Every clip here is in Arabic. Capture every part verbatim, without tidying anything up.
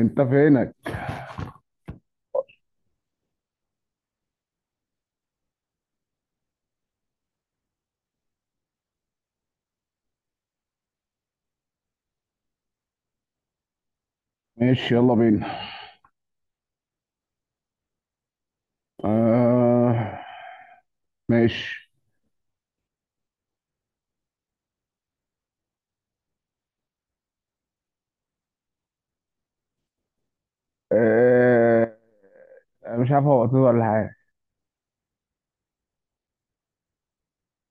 انت فينك؟ ماشي، يلا بينا. آه. ماشي. آه، أنا مش عارف هو معتزل ولا حاجة.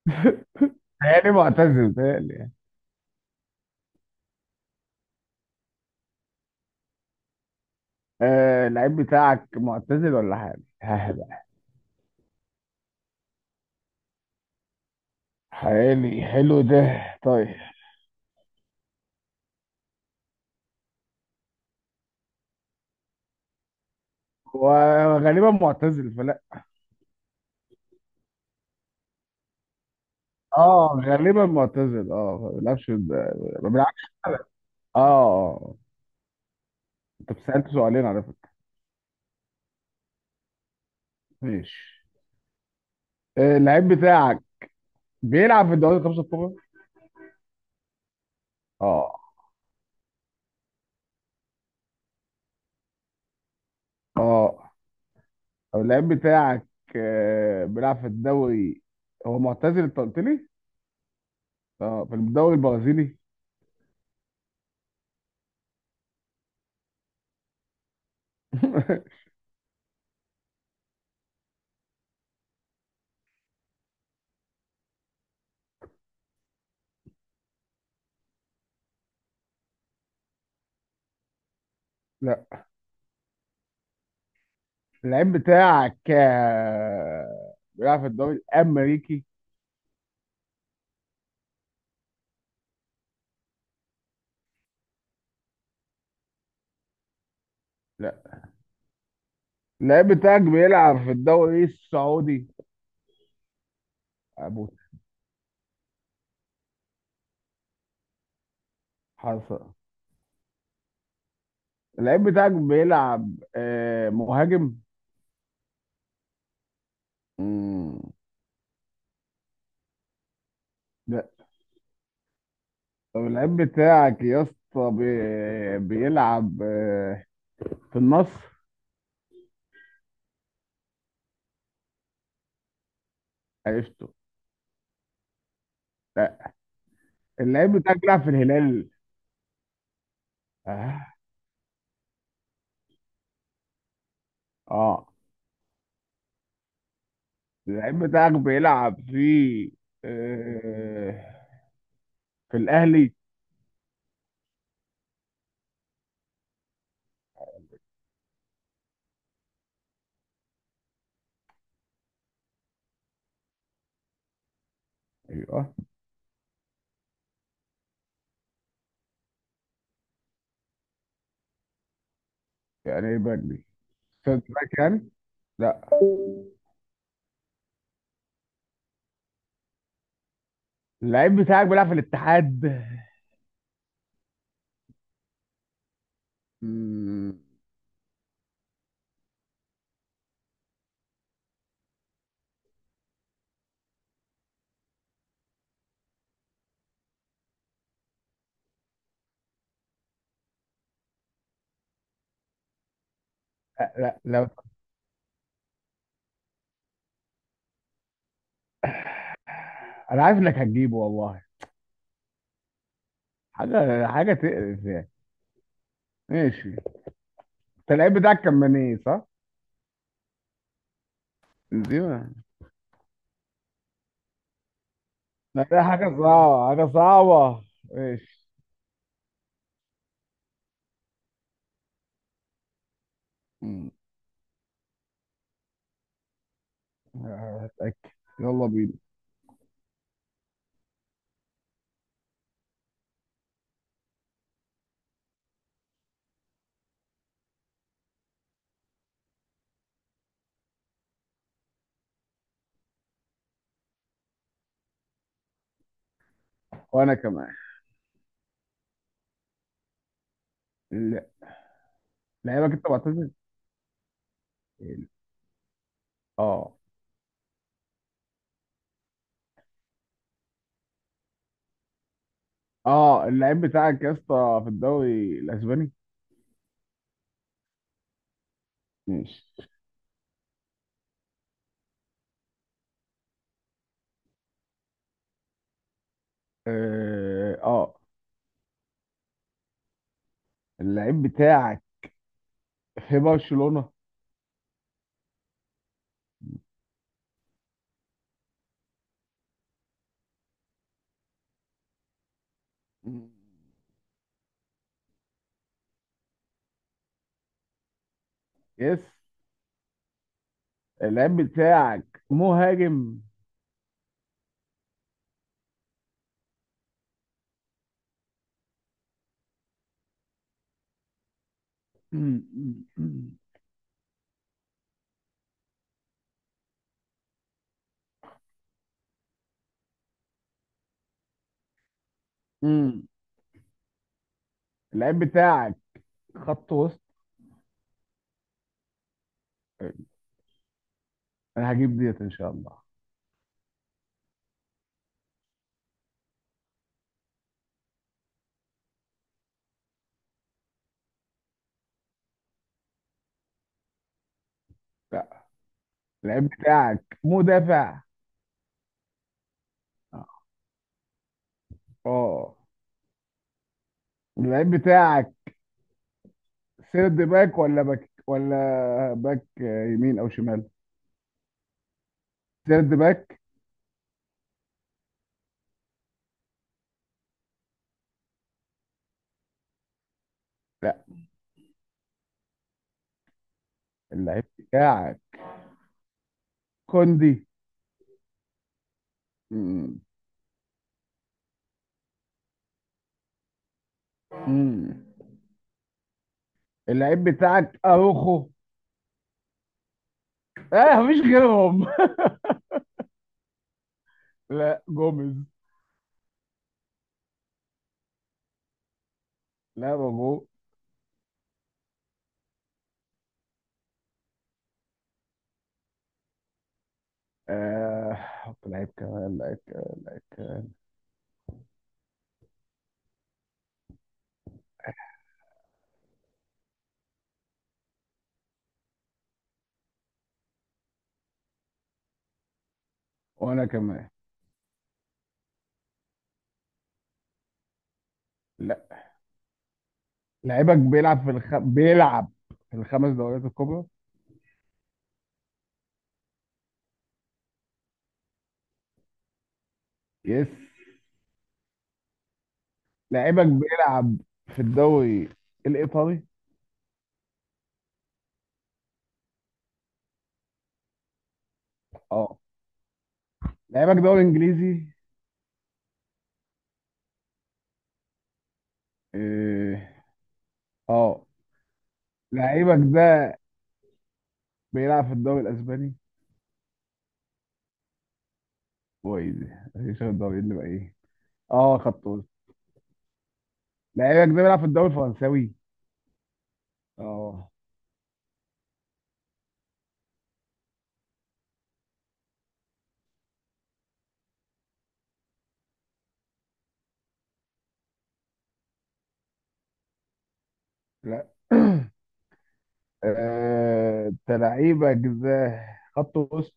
يعني معتزل تهيألي يعني. آه، اللعيب بتاعك معتزل ولا حاجة؟ حالي حلو ده، طيب. وغالبا معتزل فلا. اه غالبا معتزل، اه ما بيلعبش ما بيلعبش حلقة. اه، آه. انت سألت سؤالين على فكرة. ماشي. آه، اللعيب بتاعك بيلعب في الدوري الخمسة الكبرى؟ اه، اه. طب اللعيب بتاعك آه، بيلعب في الدوري، هو معتزل انت قلت لي؟ اه، في الدوري البرازيلي؟ لا، اللعيب بتاعك آه، بيلعب في الدوري الامريكي؟ لا، اللعيب بتاعك بيلعب في الدوري السعودي. ابو حصل. اللعيب بتاعك بيلعب آه مهاجم. مم. لا. طب اللعيب بتاعك يا اسطى بي- بيلعب آه في النصر. عرفته. لا، اللعيب بتاعك بيلعب في الهلال. اه، آه. اللعيب بتاعك بيلعب في آه في الاهلي. ايوه. يعني ايه بدري؟ سنتر باك يعني. لا، اللعيب بتاعك بيلعب في الاتحاد. مم. لا، لا، لا، انا عارف انك هتجيبه والله. حاجه حاجه تقرف يعني. ماشي. انت اللعيب بتاعك كان مني، صح؟ بنزيما. لا، ده حاجه صعبه حاجه صعبه. ماشي. مم. هتاكد. يلا بينا. وانا كمان. ال- لعيبك انت معتزل؟ اه. اه، اللعيب بتاعك يا اسطى في الدوري الاسباني؟ ماشي. اه، آه. اللعيب بتاعك في برشلونه؟ مم. يس. اللعيب بتاعك مهاجم. مم. مم. مم. اللعيب بتاعك خط وسط. أه، انا هجيب ديت ان شاء الله. لا. اللعيب بتاعك مدافع. اه، آه. اللعيب بتاعك سيرد باك ولا باك ولا باك، يمين او شمال؟ سيرد باك. لا. اللعيب بتاعك كوندي. مم. مم. اللعيب بتاعك اروخو. اه، مفيش غيرهم. لا، جوميز. لا، موجود. آه، حط لعيب كمان لعيب كمان لعيب كمان. وانا كمان. لا. لعيبك بيلعب في الخ... بيلعب في الخمس دوريات الكبرى. يس. لعيبك بيلعب في الدوري الإيطالي. اه. لعيبك دوري إنجليزي. إيه، اه. لعيبك ده بيلعب في الدوري الإسباني. كويس. مفيش غير الدوري اللي بقى ايه. اه، خط وسط. لعيبك ده بيلعب في الدوري الفرنساوي. اه. لا. آه، انت لعيبك ده خط وسط.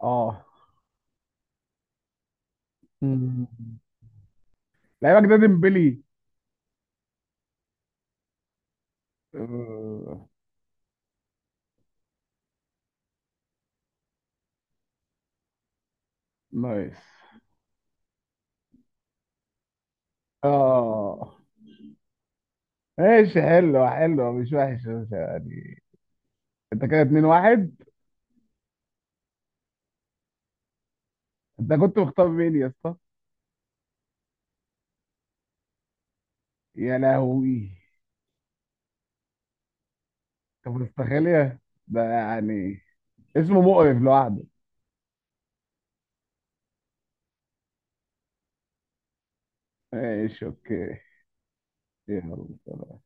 اه. مم. لعيبك ده ديمبلي. نايس. اه، ماشي، حلوة حلوة، مش وحش، مش يعني. انت كده اتنين واحد. انت كنت مختار مين يا اسطى؟ يا لهوي. طب مستخيلية ده يعني. اسمه مقرف لوحده. ماشي، اوكي. يلا.